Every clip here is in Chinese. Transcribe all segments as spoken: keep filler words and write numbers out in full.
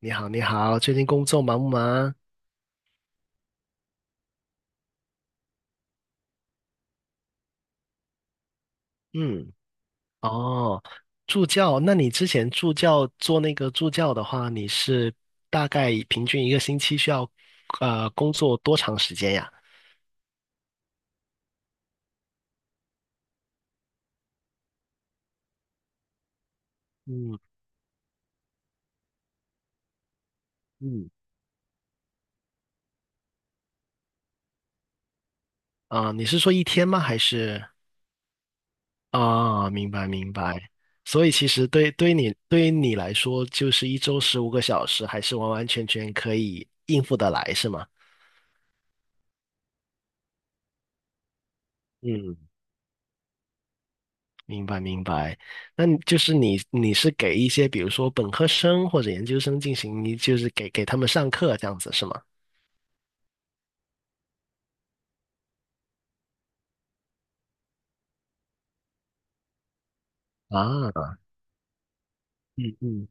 你好，你好，最近工作忙不忙？嗯，哦，助教，那你之前助教做那个助教的话，你是大概平均一个星期需要呃工作多长时间呀？嗯嗯，啊，你是说一天吗？还是？啊，明白明白。所以其实对对你对于你来说，就是一周十五个小时，还是完完全全可以应付得来，是吗？嗯，明白明白。那你就是你你是给一些比如说本科生或者研究生进行一，你就是给给他们上课这样子是吗？啊，嗯嗯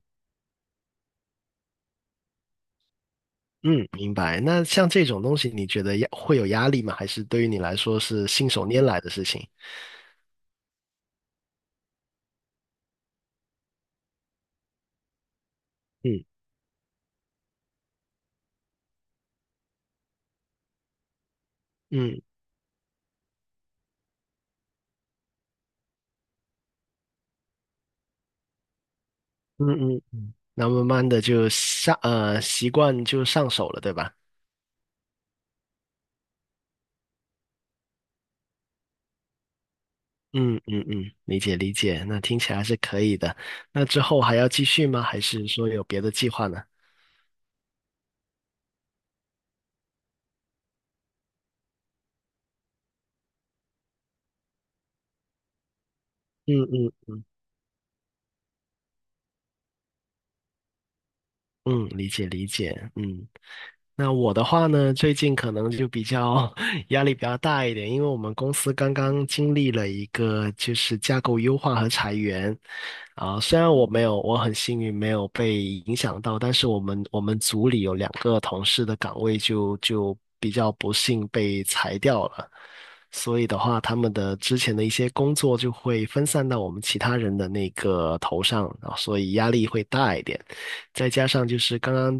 嗯，明白。那像这种东西，你觉得压会有压力吗？还是对于你来说是信手拈来的事情？嗯嗯嗯嗯，那慢慢的就上呃习惯就上手了，对吧？嗯嗯嗯，理解理解。那听起来是可以的。那之后还要继续吗？还是说有别的计划呢？嗯嗯嗯嗯，理解理解。嗯，那我的话呢，最近可能就比较 压力比较大一点，因为我们公司刚刚经历了一个就是架构优化和裁员。啊，虽然我没有，我很幸运没有被影响到，但是我们我们组里有两个同事的岗位就就比较不幸被裁掉了。所以的话，他们的之前的一些工作就会分散到我们其他人的那个头上，啊，所以压力会大一点。再加上就是刚刚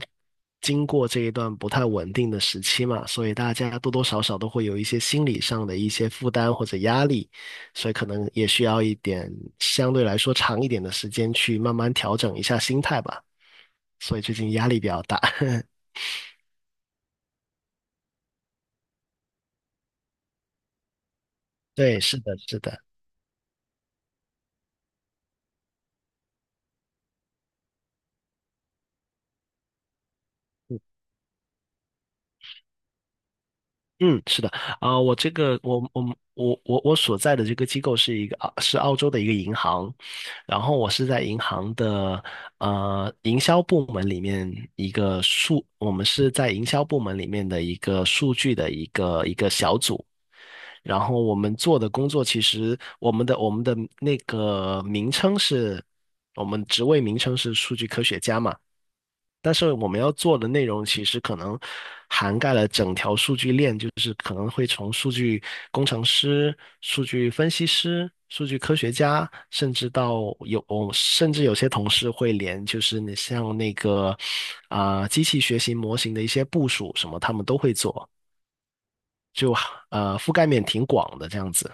经过这一段不太稳定的时期嘛，所以大家多多少少都会有一些心理上的一些负担或者压力，所以可能也需要一点相对来说长一点的时间去慢慢调整一下心态吧。所以最近压力比较大。对，是的，是的。嗯，是的，啊、我这个我我我我我所在的这个机构是一个啊是澳洲的一个银行，然后我是在银行的呃营销部门里面一个数，我们是在营销部门里面的一个数据的一个一个小组，然后我们做的工作其实我们的我们的那个名称是。我们职位名称是数据科学家嘛，但是我们要做的内容其实可能涵盖了整条数据链，就是可能会从数据工程师、数据分析师、数据科学家，甚至到有，甚至有些同事会连就是你像那个啊、机器学习模型的一些部署什么，他们都会做，呃，覆盖面挺广的这样子。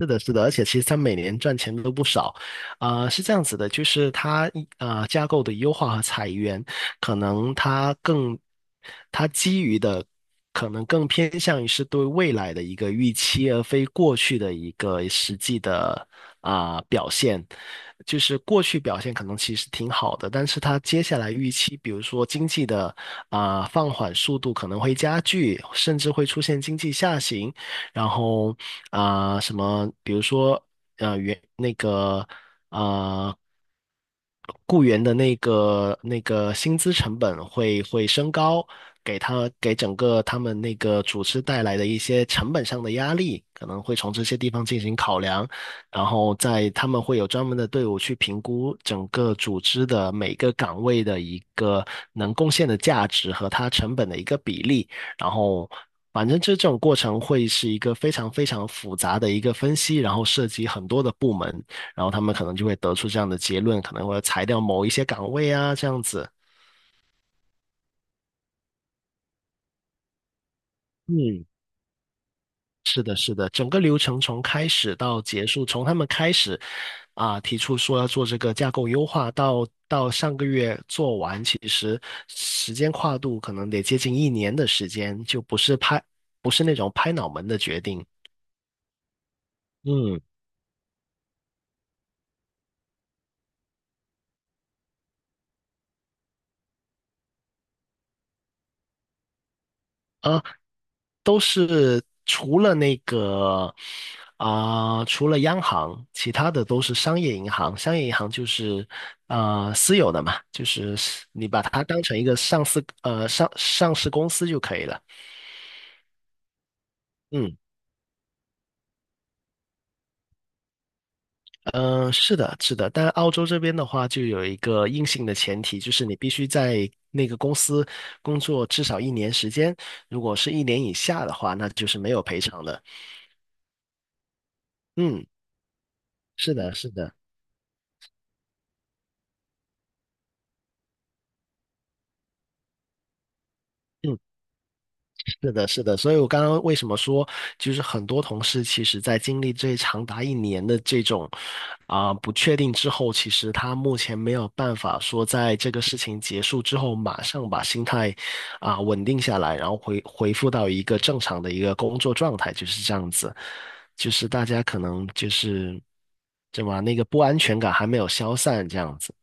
是的，是的，而且其实它每年赚钱都不少，啊、是这样子的，就是它啊架构的优化和裁员，可能它更它基于的可能更偏向于是对未来的一个预期，而非过去的一个实际的啊、表现。就是过去表现可能其实挺好的，但是它接下来预期，比如说经济的啊、放缓速度可能会加剧，甚至会出现经济下行。然后啊、什么，比如说呃原那个啊、雇员的那个那个薪资成本会会升高，给他给整个他们那个组织带来的一些成本上的压力，可能会从这些地方进行考量，然后在他们会有专门的队伍去评估整个组织的每个岗位的一个能贡献的价值和它成本的一个比例。然后反正这这种过程会是一个非常非常复杂的一个分析，然后涉及很多的部门，然后他们可能就会得出这样的结论，可能会裁掉某一些岗位啊，这样子。嗯，是的，是的，整个流程从开始到结束，从他们开始啊、提出说要做这个架构优化，到到上个月做完，其实时间跨度可能得接近一年的时间，就不是拍，不是那种拍脑门的决定。嗯。啊。都是除了那个啊、除了央行，其他的都是商业银行。商业银行就是呃私有的嘛，就是你把它当成一个上市呃上上市公司就可以了。嗯。嗯、呃，是的，是的，但澳洲这边的话，就有一个硬性的前提，就是你必须在那个公司工作至少一年时间，如果是一年以下的话，那就是没有赔偿的。嗯，是的，是的。嗯。是的，是的，所以我刚刚为什么说，就是很多同事其实在经历这长达一年的这种啊、不确定之后，其实他目前没有办法说在这个事情结束之后，马上把心态啊、稳定下来，然后回回复到一个正常的一个工作状态，就是这样子，就是大家可能就是怎么啊那个不安全感还没有消散这样子。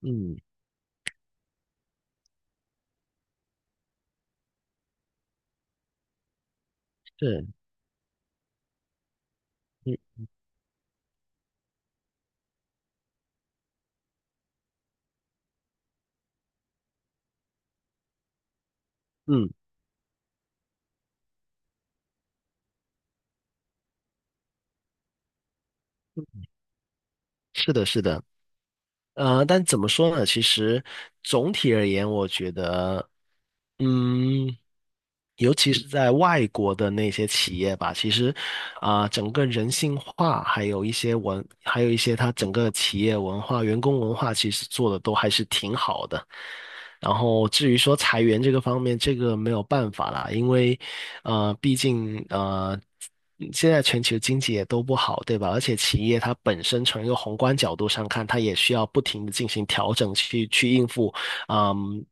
嗯，是，嗯嗯，是的，是的。呃，但怎么说呢？其实总体而言，我觉得，嗯，尤其是在外国的那些企业吧，其实，啊、整个人性化，还有一些文，还有一些它整个企业文化、员工文化，其实做的都还是挺好的。然后至于说裁员这个方面，这个没有办法啦，因为，呃，毕竟呃，现在全球经济也都不好，对吧？而且企业它本身从一个宏观角度上看，它也需要不停的进行调整去，去应付，嗯，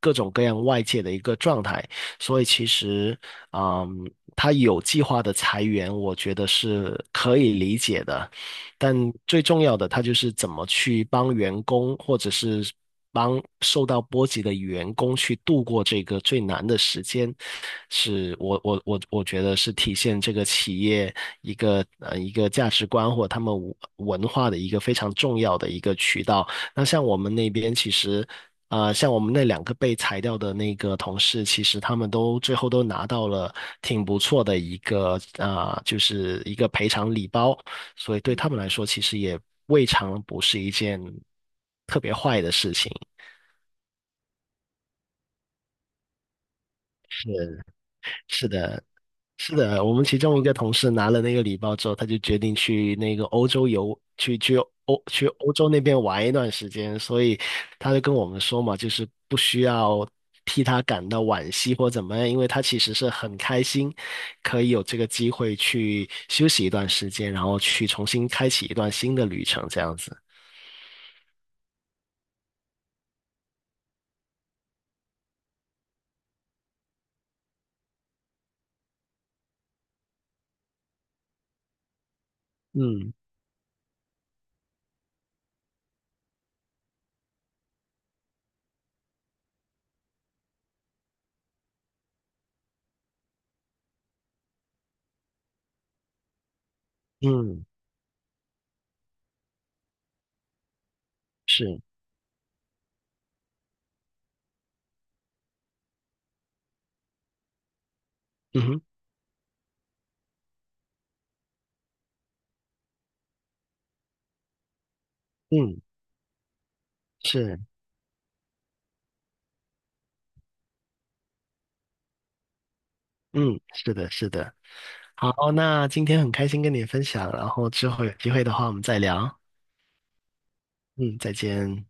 各种各样外界的一个状态，所以其实，嗯，他有计划的裁员，我觉得是可以理解的。但最重要的，他就是怎么去帮员工，或者是帮受到波及的员工去度过这个最难的时间，是我我我我觉得是体现这个企业一个呃一个价值观或他们文文化的一个非常重要的一个渠道。那像我们那边其实，啊、像我们那两个被裁掉的那个同事，其实他们都最后都拿到了挺不错的一个啊、就是一个赔偿礼包，所以对他们来说，其实也未尝不是一件特别坏的事情。是，是的，是的，我们其中一个同事拿了那个礼包之后，他就决定去那个欧洲游，去去欧去欧洲那边玩一段时间，所以他就跟我们说嘛，就是不需要替他感到惋惜或怎么样，因为他其实是很开心，可以有这个机会去休息一段时间，然后去重新开启一段新的旅程，这样子。嗯嗯，是，嗯哼，嗯，是。嗯，是的，是的。好，那今天很开心跟你分享，然后之后有机会的话我们再聊。嗯，再见。